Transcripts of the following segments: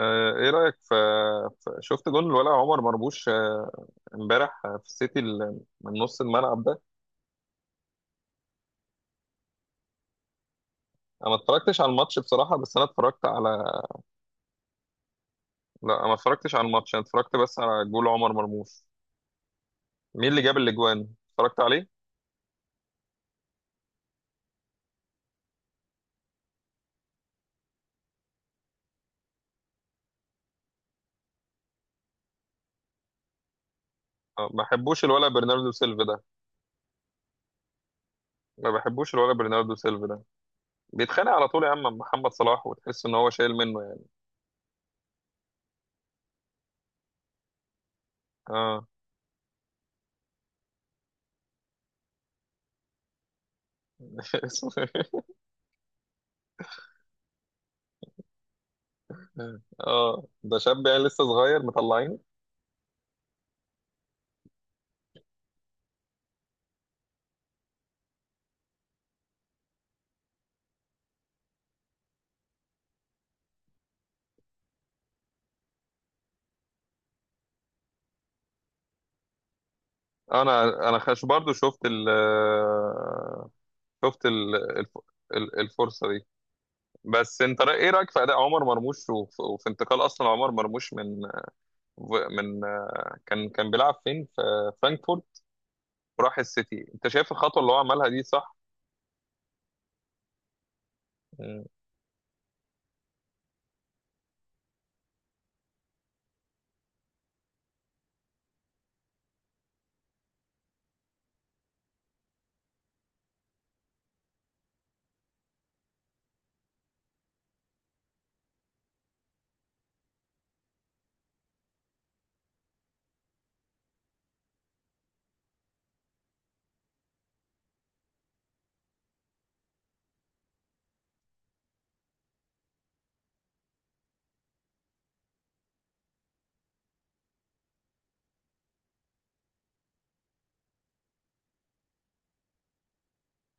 ايه رأيك في، شفت جون الولع عمر مرموش، امبارح، في السيتي من نص الملعب ده. انا ما اتفرجتش على الماتش بصراحة، بس انا اتفرجت على... لا، أنا ما اتفرجتش على الماتش، انا اتفرجت بس على جول عمر مرموش. مين اللي جاب الاجوان اتفرجت عليه؟ ما بحبوش الولع برناردو سيلفا ده. ما بحبوش الولع برناردو سيلفا ده، بيتخانق على طول يا عم مع محمد صلاح، وتحس ان هو شايل منه يعني. اه. اسمه إيه؟ اه، ده شاب يعني لسه صغير مطلعين. انا انا خش برضو شفت ال آه، شفت الفرصه دي. بس انت، ايه رايك في اداء عمر مرموش وفي انتقال اصلا عمر مرموش من... من، كان بيلعب فين في فرانكفورت وراح السيتي؟ انت شايف الخطوه اللي هو عملها دي صح؟ مم.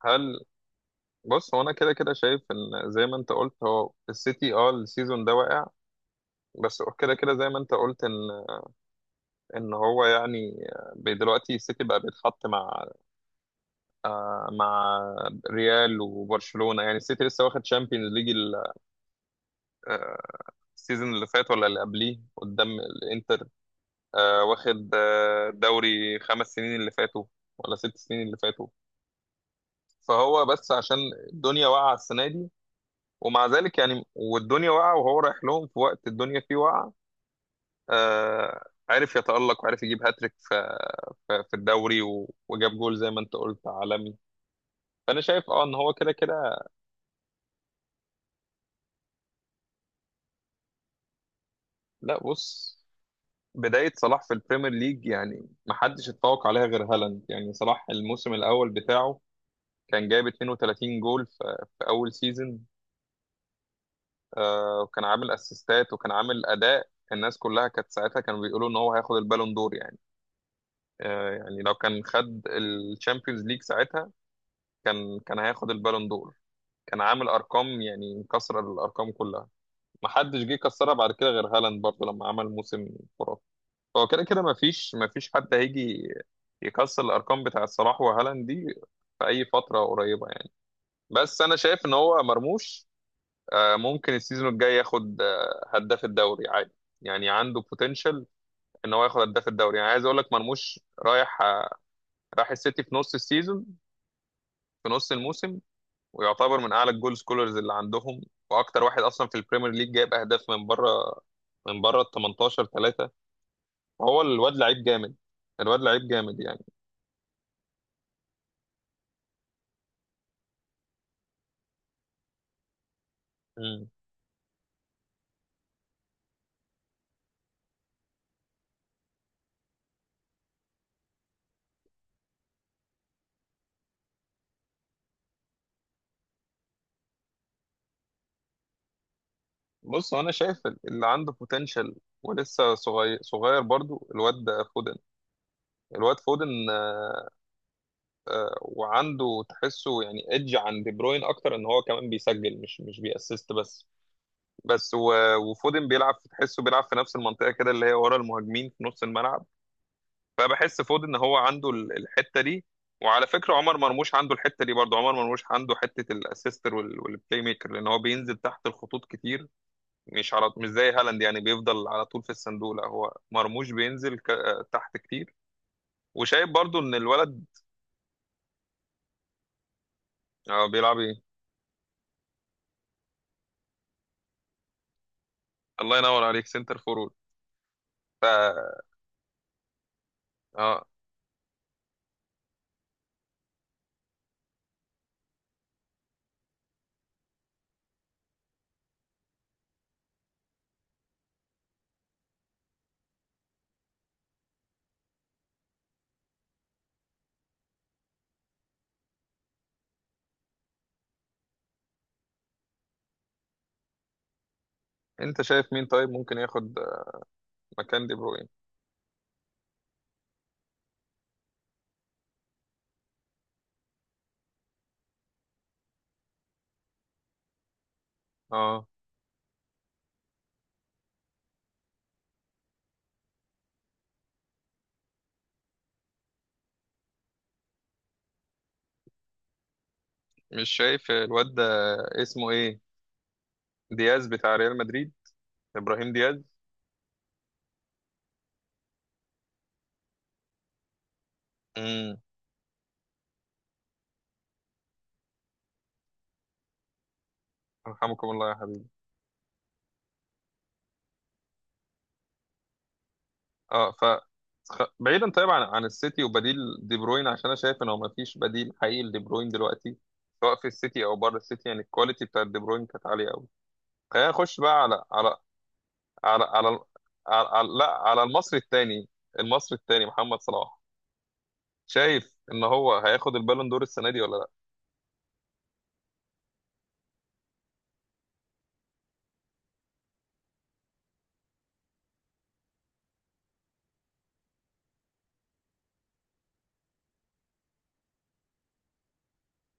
هل بص، هو انا كده كده شايف ان زي ما انت قلت هو السيتي، اه، السيزون ده واقع. بس هو كده كده زي ما انت قلت ان، هو يعني... دلوقتي السيتي بقى بيتحط مع، مع ريال وبرشلونه. يعني السيتي لسه واخد شامبيونز ليج السيزون اللي فات، ولا اللي قبليه، قدام الانتر. آه، واخد، آه، دوري خمس سنين اللي فاتوا، ولا ست سنين اللي فاتوا. فهو بس عشان الدنيا واقعة السنة دي، ومع ذلك يعني، والدنيا واقعة وهو رايح لهم في وقت الدنيا فيه واقعة، آه، عرف يتألق، وعرف يجيب هاتريك في الدوري، وجاب جول زي ما انت قلت عالمي. فأنا شايف، اه، ان هو كده كده. لا، بص، بداية صلاح في البريمير ليج يعني محدش اتفوق عليها غير هالاند. يعني صلاح الموسم الأول بتاعه كان جايب 32 جول في اول سيزون، آه، وكان عامل اسيستات، وكان عامل اداء. الناس كلها كانت ساعتها كانوا بيقولوا ان هو هياخد البالون دور يعني. آه، يعني لو كان خد الشامبيونز ليج ساعتها، كان هياخد البالون دور. كان عامل ارقام يعني مكسر الارقام كلها. ما حدش جه كسرها بعد كده غير هالاند برضه لما عمل موسم خرافي. هو كده كده ما فيش حد هيجي يكسر الارقام بتاع صلاح وهالاند دي في اي فتره قريبه يعني. بس انا شايف ان هو مرموش، ممكن السيزون الجاي ياخد، هداف الدوري عادي. يعني عنده بوتنشال ان هو ياخد هداف الدوري. يعني عايز اقول لك مرموش رايح، راح السيتي في نص السيزون، في نص الموسم. ويعتبر من اعلى الجول سكولرز اللي عندهم، واكتر واحد اصلا في البريمير ليج جايب اهداف من بره، ال 18 3. فهو الواد لعيب جامد. الواد لعيب جامد يعني. مم. بص، هو انا شايف اللي عنده بوتنشال ولسه صغير صغير برضو الواد، فودن. الواد فودن، وعنده، تحسه يعني ايدج عن دي بروين اكتر، ان هو كمان بيسجل، مش بيأسست بس. بس وفودن بيلعب، تحسه بيلعب في نفس المنطقه كده اللي هي ورا المهاجمين في نص الملعب. فبحس فودن ان هو عنده الحته دي. وعلى فكره عمر مرموش عنده الحته دي برضه. عمر مرموش عنده حته الاسيستر والبلاي ميكر، لان هو بينزل تحت الخطوط كتير. مش زي هالاند يعني بيفضل على طول في الصندوق، لا، هو مرموش بينزل، تحت كتير. وشايف برضه ان الولد، بيلعب ايه. الله ينور عليك، سنتر فورورد. اه. انت شايف مين طيب ممكن ياخد مكان دي بروين؟ اه. مش شايف الواد ده؟ اسمه ايه؟ دياز بتاع ريال مدريد، ابراهيم دياز. امم. رحمكم الله يا حبيبي. اه، بعيدا طيب عن، السيتي وبديل دي بروين، عشان انا شايف ان هو ما فيش بديل حقيقي لدي بروين دلوقتي، سواء في السيتي او بره السيتي. يعني الكواليتي بتاع دي بروين كانت عاليه قوي. خلينا نخش بقى على على, ال- لا، على المصري الثاني. المصري الثاني محمد صلاح، شايف ان هو هياخد البالون دور السنه دي ولا لا؟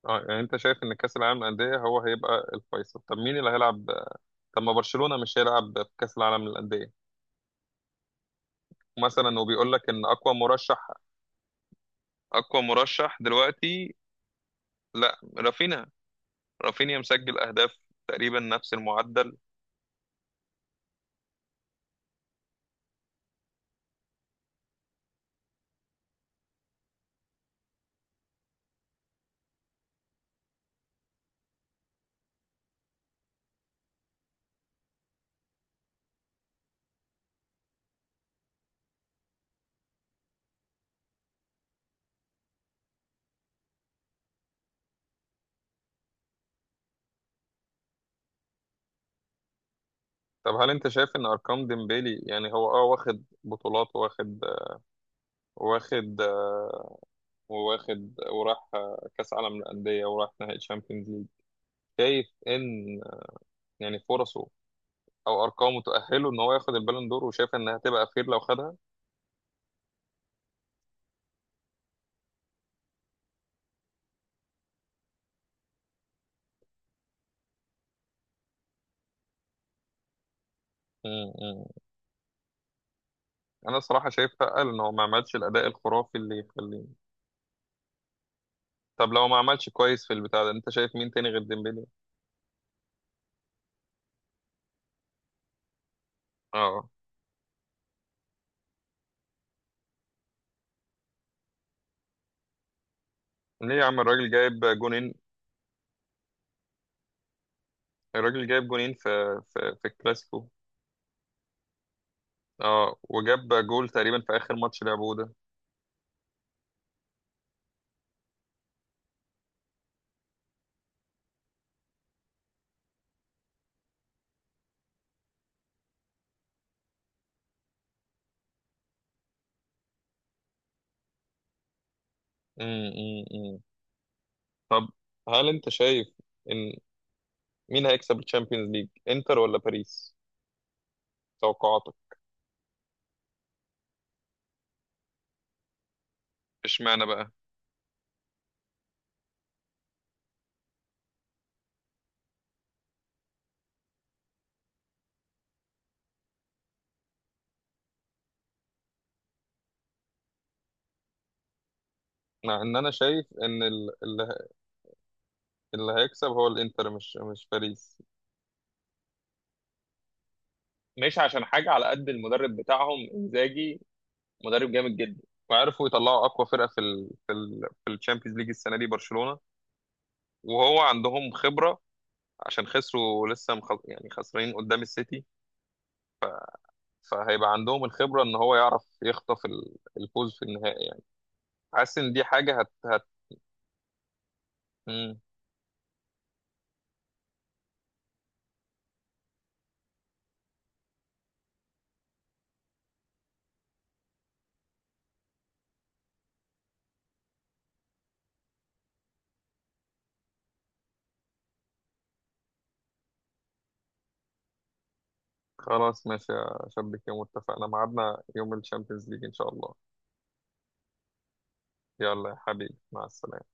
اه، يعني انت شايف ان كاس العالم للانديه هو هيبقى الفيصل. طب مين اللي هيلعب؟ طب ما برشلونه مش هيلعب في كاس العالم للانديه مثلا؟ وبيقول لك ان اقوى مرشح، دلوقتي، لا، رافينيا. رافينيا مسجل اهداف تقريبا نفس المعدل. طب هل انت شايف ان ارقام ديمبيلي يعني هو، اه، واخد بطولات، واخد واخد، وراح كاس عالم للانديه، وراح نهائي تشامبيونز ليج؟ شايف ان يعني فرصه، او ارقامه تؤهله ان هو ياخد البالون دور؟ وشايف انها هتبقى خير لو خدها؟ مم. مم. انا الصراحه شايف اتقل ان هو ما عملش الاداء الخرافي اللي يخليه. طب لو ما عملش كويس في البتاع ده انت شايف مين تاني غير ديمبلي؟ اه. ليه يا عم؟ الراجل جايب جونين. الراجل جايب جونين في الكلاسيكو. اه، وجاب جول تقريبا في اخر ماتش لعبوه ده. مم. مم. مم. طب هل انت شايف ان مين هيكسب الشامبيونز ليج، انتر ولا باريس؟ توقعاتك؟ اشمعنى بقى؟ مع ان انا شايف ان اللي هيكسب هو الانتر، مش باريس. مش عشان حاجه، على قد المدرب بتاعهم انزاجي، مدرب جامد جدا. وعرفوا يطلعوا اقوى فرقه في ال في ال في الشامبيونز ليج السنه دي، برشلونه. وهو عندهم خبره، عشان خسروا لسه يعني خسرانين قدام السيتي. فهيبقى عندهم الخبره ان هو يعرف يخطف الفوز في النهائي يعني. حاسس ان دي حاجه مم. خلاص، ماشي يا شبك. يوم اتفقنا ميعادنا يوم الشامبيونز ليج ان شاء الله. يلا يا حبيبي، مع السلامه.